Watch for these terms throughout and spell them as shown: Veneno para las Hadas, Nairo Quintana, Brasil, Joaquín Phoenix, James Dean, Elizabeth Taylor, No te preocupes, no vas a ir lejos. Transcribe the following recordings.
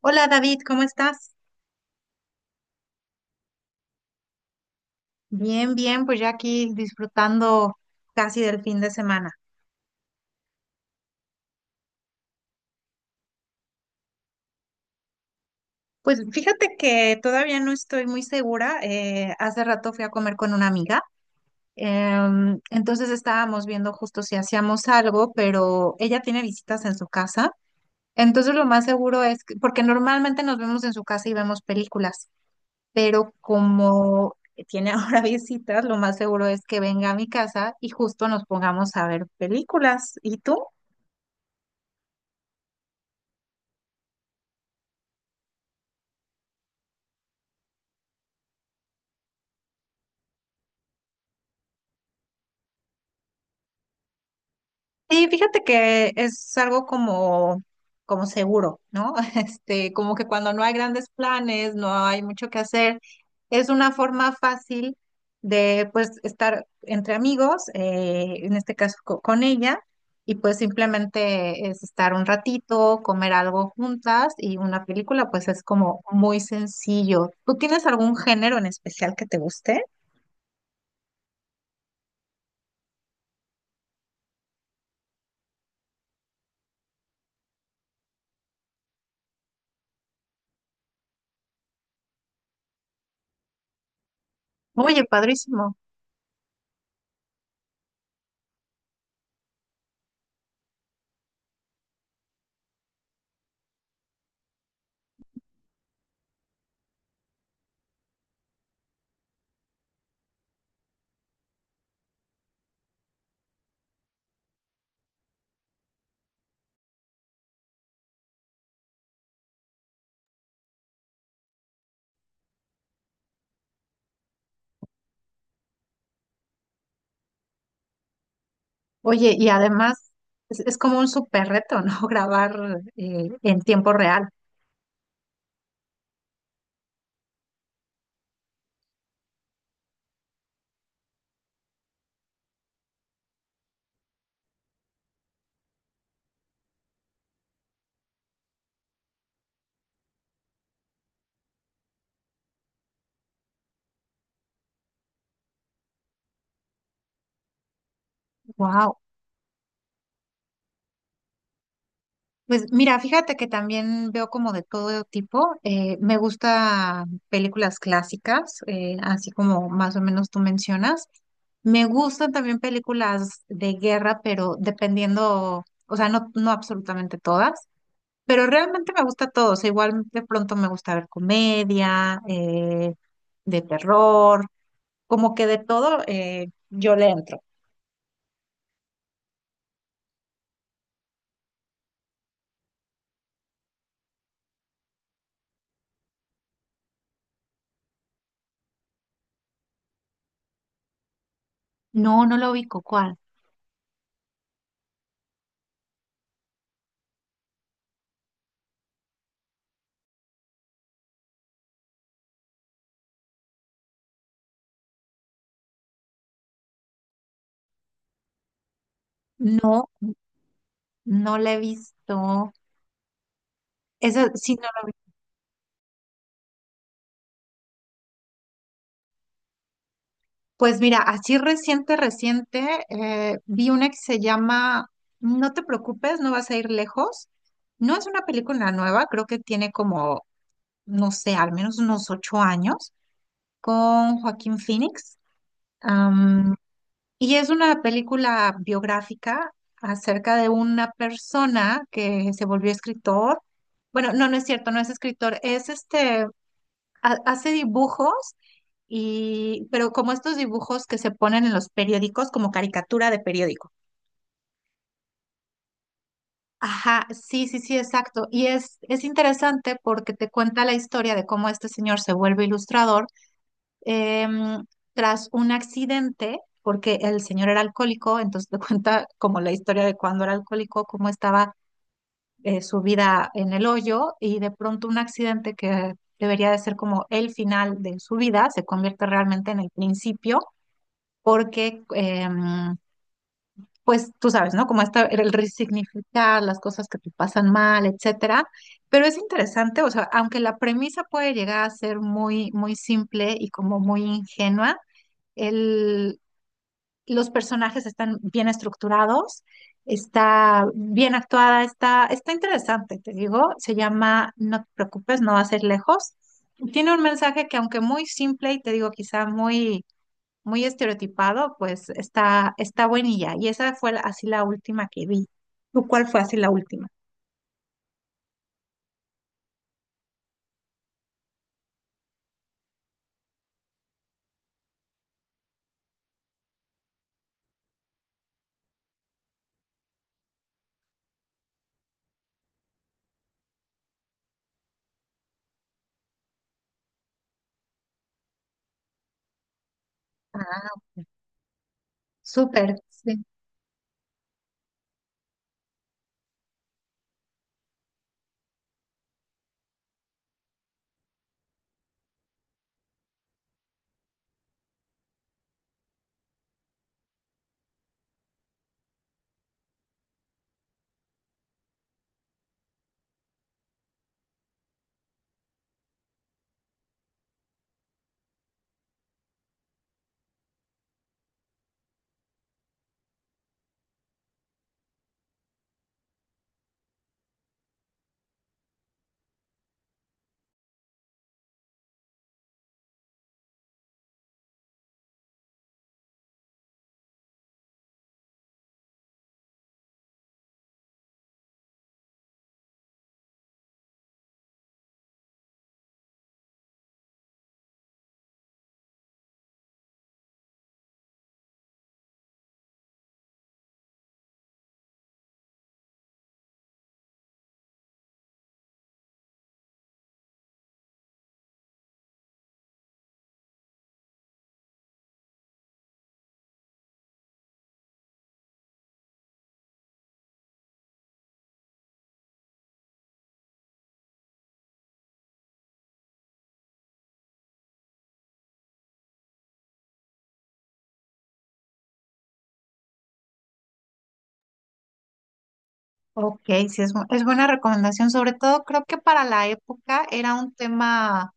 Hola David, ¿cómo estás? Bien, bien, pues ya aquí disfrutando casi del fin de semana. Pues fíjate que todavía no estoy muy segura. Hace rato fui a comer con una amiga, entonces estábamos viendo justo si hacíamos algo, pero ella tiene visitas en su casa. Entonces lo más seguro porque normalmente nos vemos en su casa y vemos películas, pero como tiene ahora visitas, lo más seguro es que venga a mi casa y justo nos pongamos a ver películas. ¿Y tú? Sí, fíjate que es algo como seguro, ¿no? Este, como que cuando no hay grandes planes, no hay mucho que hacer, es una forma fácil de pues estar entre amigos, en este caso con ella, y pues simplemente es estar un ratito, comer algo juntas y una película, pues es como muy sencillo. ¿Tú tienes algún género en especial que te guste? Oye, padrísimo. Oye, y además es como un súper reto, ¿no? Grabar en tiempo real. Wow. Pues mira, fíjate que también veo como de todo tipo. Me gusta películas clásicas, así como más o menos tú mencionas. Me gustan también películas de guerra, pero dependiendo, o sea, no, no absolutamente todas, pero realmente me gusta todo. O sea, igual de pronto me gusta ver comedia, de terror. Como que de todo, yo le entro. No, no lo ubico. ¿Cuál? No, no la he visto. Eso sí, no lo vi. Pues mira, así reciente, reciente, vi una que se llama No te preocupes, no vas a ir lejos. No es una película nueva, creo que tiene como, no sé, al menos unos 8 años, con Joaquín Phoenix. Y es una película biográfica acerca de una persona que se volvió escritor. Bueno, no, no es cierto, no es escritor, es este, hace dibujos y, pero como estos dibujos que se ponen en los periódicos como caricatura de periódico. Ajá, sí, sí, sí, exacto. Y es interesante porque te cuenta la historia de cómo este señor se vuelve ilustrador em, tras un accidente, porque el señor era alcohólico, entonces te cuenta como la historia de cuando era alcohólico, cómo estaba su vida en el hoyo y de pronto un accidente que debería de ser como el final de su vida se convierte realmente en el principio, porque pues tú sabes, ¿no? Como está el resignificar las cosas que te pasan mal, etcétera. Pero es interesante, o sea, aunque la premisa puede llegar a ser muy, muy simple y como muy ingenua, el, los personajes están bien estructurados, está bien actuada, está interesante, te digo. Se llama No te preocupes, no va a ser lejos. Tiene un mensaje que aunque muy simple y te digo quizá muy, muy estereotipado, pues está buenilla. Y esa fue así la última que vi. ¿Tú cuál fue así la última? Ah, súper, sí. Ok, sí, es buena recomendación. Sobre todo creo que para la época era un tema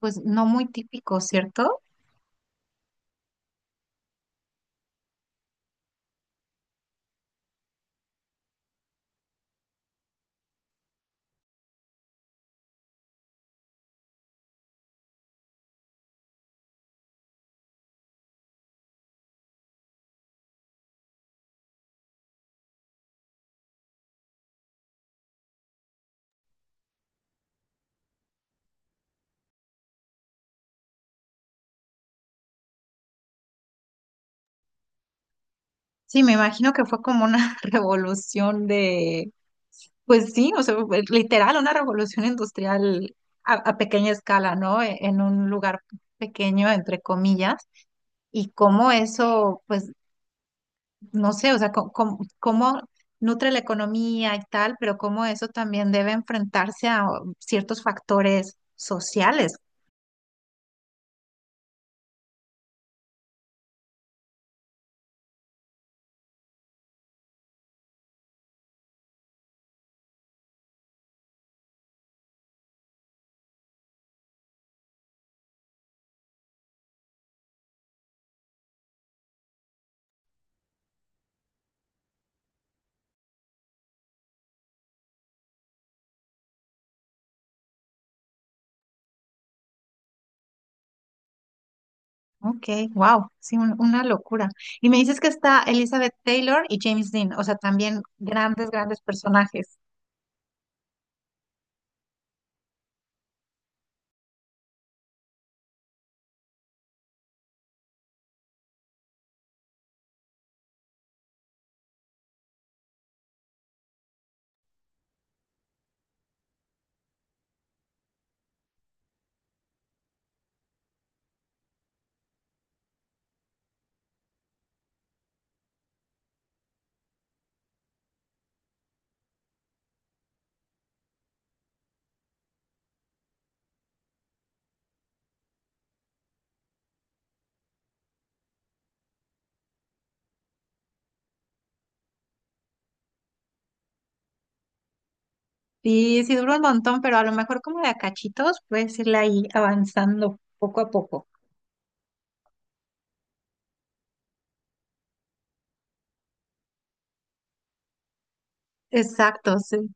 pues no muy típico, ¿cierto? Sí, me imagino que fue como una revolución de, pues sí, o sea, fue literal, una revolución industrial a pequeña escala, ¿no? En un lugar pequeño, entre comillas, y cómo eso, pues, no sé, o sea, cómo nutre la economía y tal, pero cómo eso también debe enfrentarse a ciertos factores sociales. Ok, wow, sí, una locura. Y me dices que está Elizabeth Taylor y James Dean, o sea, también grandes, grandes personajes. Sí, sí dura un montón, pero a lo mejor como de a cachitos puedes irla ahí avanzando poco a poco. Exacto, sí.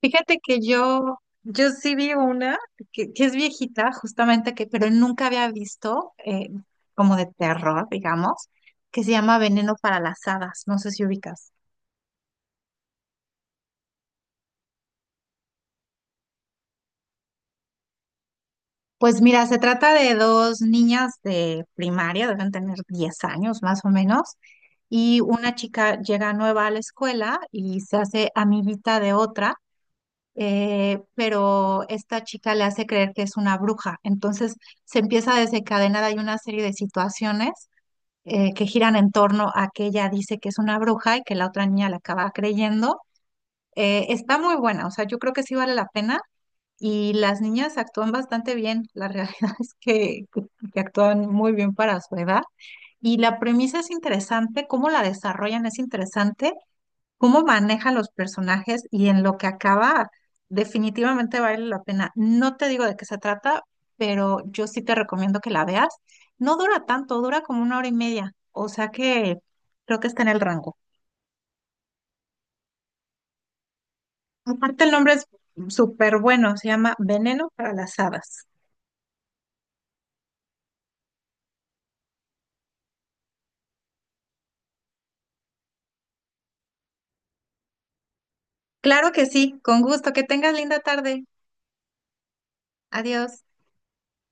Fíjate que yo sí vi una que es viejita, justamente que, pero nunca había visto como de terror, digamos, que se llama Veneno para las Hadas. No sé si ubicas. Pues mira, se trata de dos niñas de primaria, deben tener 10 años más o menos, y una chica llega nueva a la escuela y se hace amiguita de otra, pero esta chica le hace creer que es una bruja. Entonces se empieza a desencadenar, hay una serie de situaciones, que giran en torno a que ella dice que es una bruja y que la otra niña la acaba creyendo. Está muy buena, o sea, yo creo que sí vale la pena y las niñas actúan bastante bien, la realidad es que actúan muy bien para su edad. Y la premisa es interesante, cómo la desarrollan es interesante, cómo maneja los personajes y en lo que acaba, definitivamente vale la pena. No te digo de qué se trata, pero yo sí te recomiendo que la veas. No dura tanto, dura como una hora y media, o sea que creo que está en el rango. Aparte el nombre es súper bueno, se llama Veneno para las Hadas. Claro que sí, con gusto, que tengas linda tarde. Adiós.